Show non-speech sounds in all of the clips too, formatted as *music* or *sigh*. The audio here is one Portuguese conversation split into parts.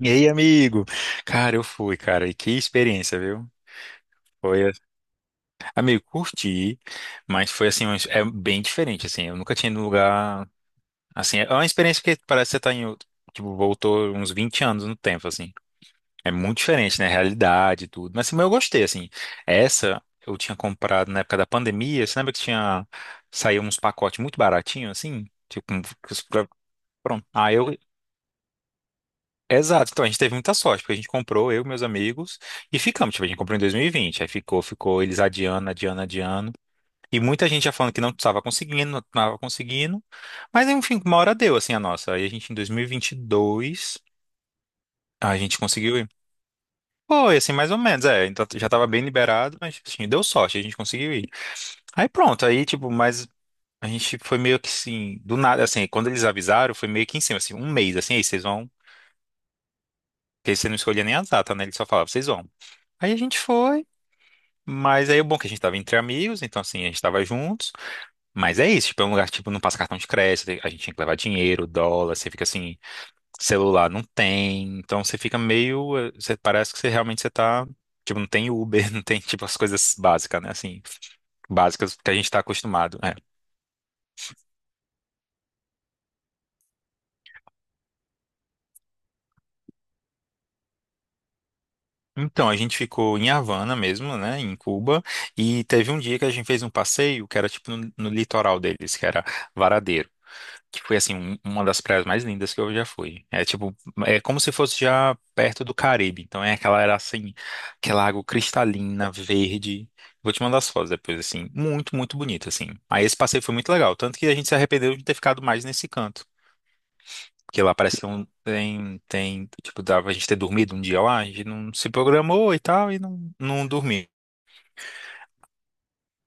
E aí, amigo? Cara, eu fui, cara, e que experiência, viu? Foi, amigo, curti, mas foi assim, é bem diferente, assim, eu nunca tinha ido num lugar, assim, é uma experiência que parece que você tá em, tipo, voltou uns 20 anos no tempo, assim, é muito diferente, né, realidade e tudo, mas, assim, mas eu gostei, assim, essa eu tinha comprado na época da pandemia, você lembra que tinha, saiu uns pacotes muito baratinhos, assim, tipo, pronto, aí eu exato, então a gente teve muita sorte, porque a gente comprou, eu e meus amigos, e ficamos. Tipo, a gente comprou em 2020, aí ficou, ficou, eles adiando, adiando, adiando. E muita gente já falando que não estava conseguindo, não estava conseguindo. Mas enfim, uma hora deu, assim, a nossa. Aí a gente, em 2022, a gente conseguiu ir. Foi, assim, mais ou menos, é. Então já estava bem liberado, mas, assim, deu sorte, a gente conseguiu ir. Aí pronto, aí tipo, mas a gente foi meio que assim, do nada, assim, quando eles avisaram, foi meio que em cima, assim, um mês, assim, aí vocês vão, porque você não escolhia nem a data, né? Eles só falavam, vocês vão. Aí a gente foi, mas aí o bom é que a gente tava entre amigos, então assim, a gente tava juntos, mas é isso, tipo, é um lugar que tipo, não passa cartão de crédito, a gente tinha que levar dinheiro, dólar, você fica assim, celular não tem, então você fica meio, você parece que você realmente você tá, tipo, não tem Uber, *laughs* não tem, tipo, as coisas básicas, né, assim, básicas que a gente tá acostumado, é. Então, a gente ficou em Havana mesmo, né, em Cuba, e teve um dia que a gente fez um passeio que era, tipo, no, no litoral deles, que era Varadeiro. Que foi assim uma das praias mais lindas que eu já fui. É tipo, é como se fosse já perto do Caribe. Então é aquela era assim, aquela água cristalina, verde. Vou te mandar as fotos depois assim, muito, muito bonito assim. Aí esse passeio foi muito legal, tanto que a gente se arrependeu de ter ficado mais nesse canto, porque lá parece que não tem tipo dava a gente ter dormido um dia lá, a gente não se programou e tal e não dormiu.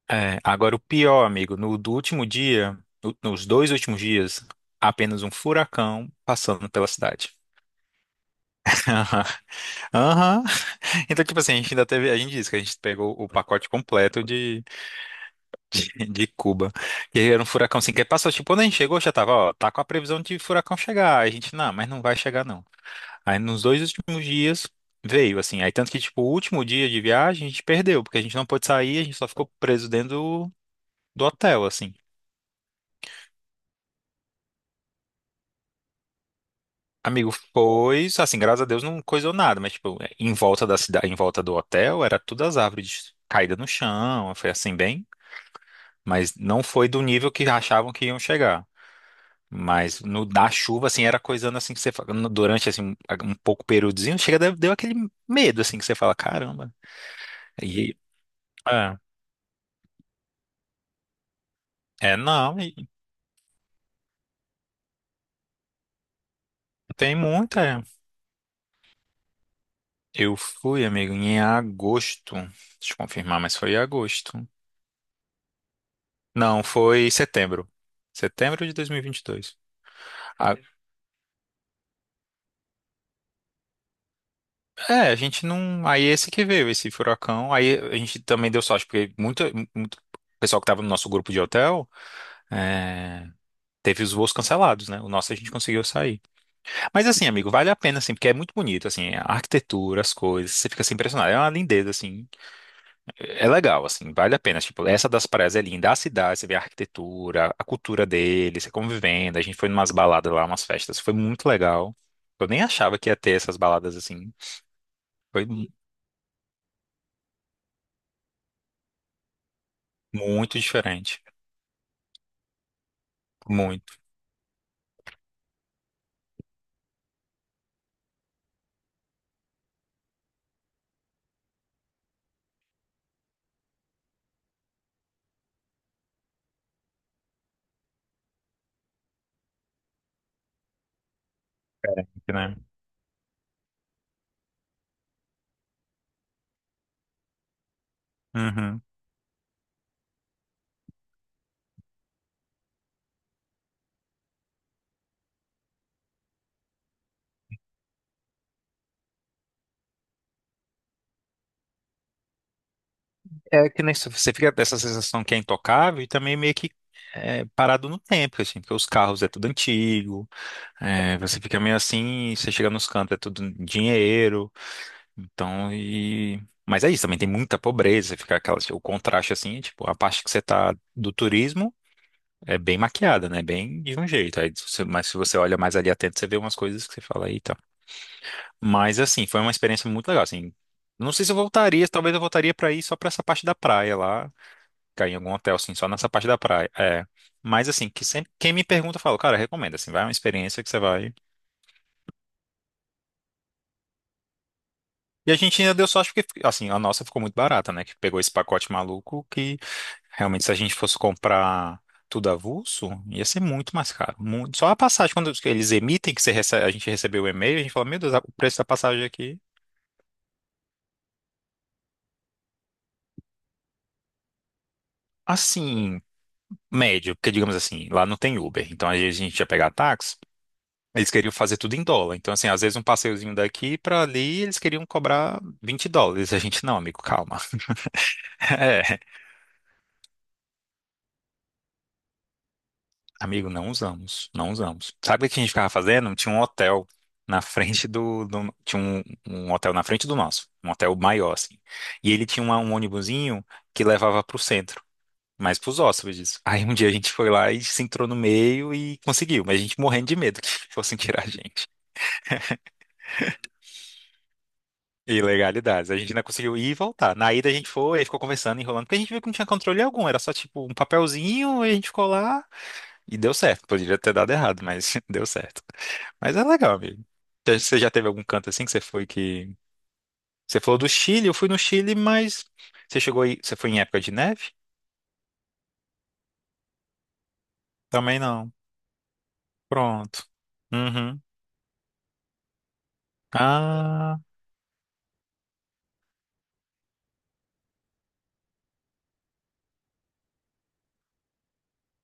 É, agora o pior, amigo, no do último dia, nos dois últimos dias, apenas um furacão passando pela cidade. Aham. Aham. Então, tipo assim, a gente ainda teve. A gente disse que a gente pegou o pacote completo de Cuba. E aí era um furacão assim, que passou, tipo, quando a gente chegou, já tava, ó, tá com a previsão de furacão chegar. Aí a gente, não, mas não vai chegar, não. Aí nos dois últimos dias veio, assim. Aí tanto que, tipo, o último dia de viagem a gente perdeu, porque a gente não pôde sair, a gente só ficou preso dentro do, do hotel, assim. Amigo, foi, assim, graças a Deus não coisou nada, mas, tipo, em volta da cidade, em volta do hotel, era tudo as árvores caídas no chão, foi assim, bem. Mas não foi do nível que achavam que iam chegar. Mas no da chuva, assim, era coisando assim que você fala, durante assim, um pouco períodozinho, chega, deu, deu aquele medo assim que você fala, caramba. E é, é não, e tem muita. É. Eu fui, amigo, em agosto. Deixa eu confirmar, mas foi em agosto. Não, foi setembro. Setembro de 2022. A- É, a gente não. Aí é esse que veio, esse furacão. Aí a gente também deu sorte, porque muito, muito pessoal que tava no nosso grupo de hotel. É, teve os voos cancelados, né? O nosso a gente conseguiu sair. Mas assim, amigo, vale a pena, assim, porque é muito bonito, assim, a arquitetura, as coisas, você fica assim impressionado. É uma lindeza, assim, é legal, assim, vale a pena. Tipo, essa das praias é linda, a cidade, você vê a arquitetura, a cultura deles, você convivendo. A gente foi numas baladas lá, umas festas, foi muito legal. Eu nem achava que ia ter essas baladas assim. Foi mu- Muito diferente. Muito diferente, né? Uhum. É que nem você fica dessa sensação que é intocável e também meio que é, parado no tempo, assim, porque os carros é tudo antigo, é, você fica meio assim, você chega nos cantos, é tudo dinheiro, então e. Mas é isso, também tem muita pobreza, fica aquela, o contraste assim, é tipo, a parte que você tá do turismo é bem maquiada, né? Bem de um jeito. Aí, se mas se você olha mais ali atento, você vê umas coisas que você fala, eita. Mas assim, foi uma experiência muito legal, assim. Não sei se eu voltaria, talvez eu voltaria pra ir só pra essa parte da praia lá. Cair em algum hotel, assim, só nessa parte da praia. É. Mas, assim, que sempre, quem me pergunta, eu falo, cara, recomendo, assim, vai é uma experiência que você vai. E a gente ainda deu sorte porque, assim, a nossa ficou muito barata, né? Que pegou esse pacote maluco que, realmente, se a gente fosse comprar tudo avulso, ia ser muito mais caro. Muito. Só a passagem, quando eles emitem, que você a gente recebeu o e-mail, a gente fala, meu Deus, o preço da passagem aqui, assim, médio, porque, digamos assim, lá não tem Uber. Então, às vezes a gente ia pegar táxi. Eles queriam fazer tudo em dólar. Então, assim, às vezes um passeiozinho daqui pra ali, eles queriam cobrar 20 dólares. A gente, não, amigo, calma. *laughs* É, amigo, não usamos, não usamos. Sabe o que a gente ficava fazendo? Tinha um hotel na frente tinha um, um hotel na frente do nosso, um hotel maior, assim. E ele tinha um ônibusinho que levava pro centro, mas pros hóspedes. Aí um dia a gente foi lá e se entrou no meio e conseguiu, mas a gente morrendo de medo que *laughs* fossem tirar a gente. Ilegalidades. A gente ainda conseguiu ir e voltar. Na ida a gente foi, aí ficou conversando, enrolando, porque a gente viu que não tinha controle algum, era só tipo um papelzinho, aí a gente ficou lá e deu certo. Poderia ter dado errado, mas *laughs* deu certo. Mas é legal, amigo. Você já teve algum canto assim que você foi que. Você falou do Chile, eu fui no Chile, mas você chegou aí. Você foi em época de neve? Também não. Pronto. Uhum. Ah,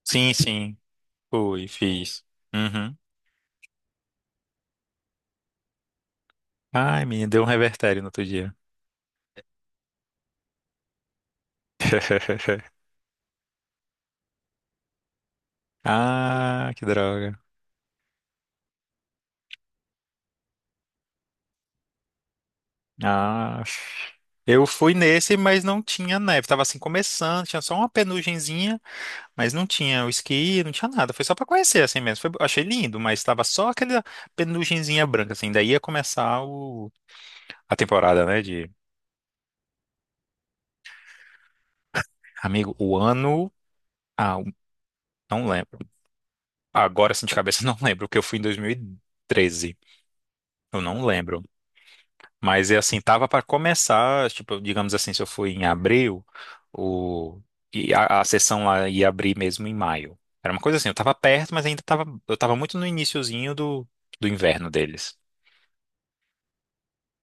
sim, sim. Fui, fiz. Uhum. Ai, menina, deu um revertério no outro dia. *laughs* Ah, que droga. Ah, eu fui nesse, mas não tinha neve. Tava assim começando, tinha só uma penugenzinha, mas não tinha o esqui, não tinha nada. Foi só pra conhecer assim mesmo. Achei lindo, mas tava só aquela penugenzinha branca assim. Daí ia começar a temporada, né? De amigo, o ano, ah, não lembro. Agora assim de cabeça *laughs* não lembro, porque eu fui em 2013. Eu não lembro. Mas é assim, tava para começar, tipo, digamos assim, se eu fui em abril, o e a sessão lá ia abrir mesmo em maio. Era uma coisa assim, eu tava perto, mas ainda tava, eu tava muito no iniciozinho do, do inverno deles.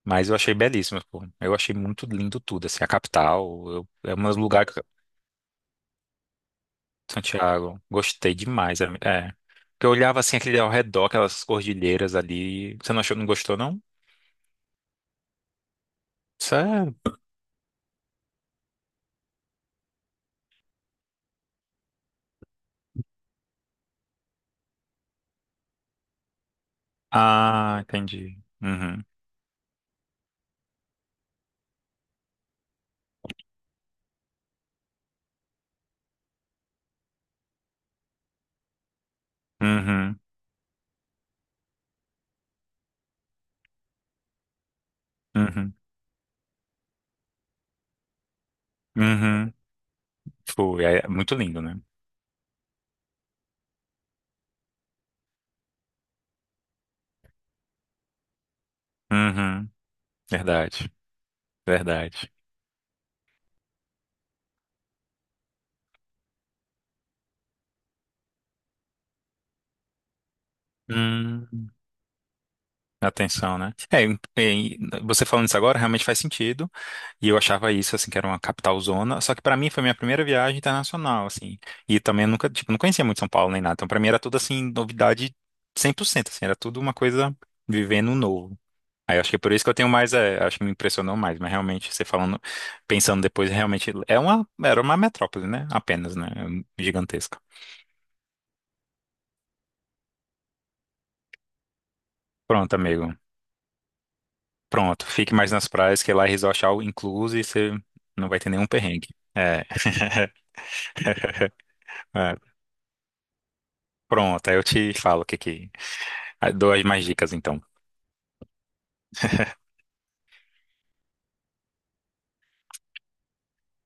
Mas eu achei belíssimo, pô. Eu achei muito lindo tudo, assim, a capital, é um lugar que Santiago, gostei demais, é, é. Porque eu olhava assim aquele ao redor, aquelas cordilheiras ali. Você não achou, não gostou, não? Sério? Ah, entendi. Uhum. Uhum. Uhum. Uhum. Foi, é muito lindo, né? Uhum, verdade, verdade. Hum, atenção, né? É, você falando isso agora realmente faz sentido. E eu achava isso, assim, que era uma capital zona. Só que pra mim foi minha primeira viagem internacional, assim. E também eu nunca, tipo, não conhecia muito São Paulo nem nada. Então pra mim era tudo, assim, novidade 100%, assim. Era tudo uma coisa vivendo novo. Aí eu acho que é por isso que eu tenho mais, é, acho que me impressionou mais. Mas realmente, você falando, pensando depois, realmente é uma, era uma metrópole, né? Apenas, né? Gigantesca. Pronto, amigo. Pronto. Fique mais nas praias, que lá é resort é all incluso e você não vai ter nenhum perrengue. É. *laughs* É, pronto, aí eu te falo o que que. Ah, dou as mais dicas então.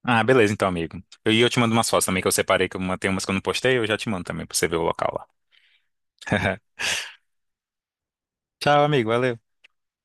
Ah, beleza então, amigo. E eu, te mando umas fotos também que eu separei, que eu tenho umas que eu não postei, eu já te mando também pra você ver o local lá. *laughs* Tchau, amigo. Valeu.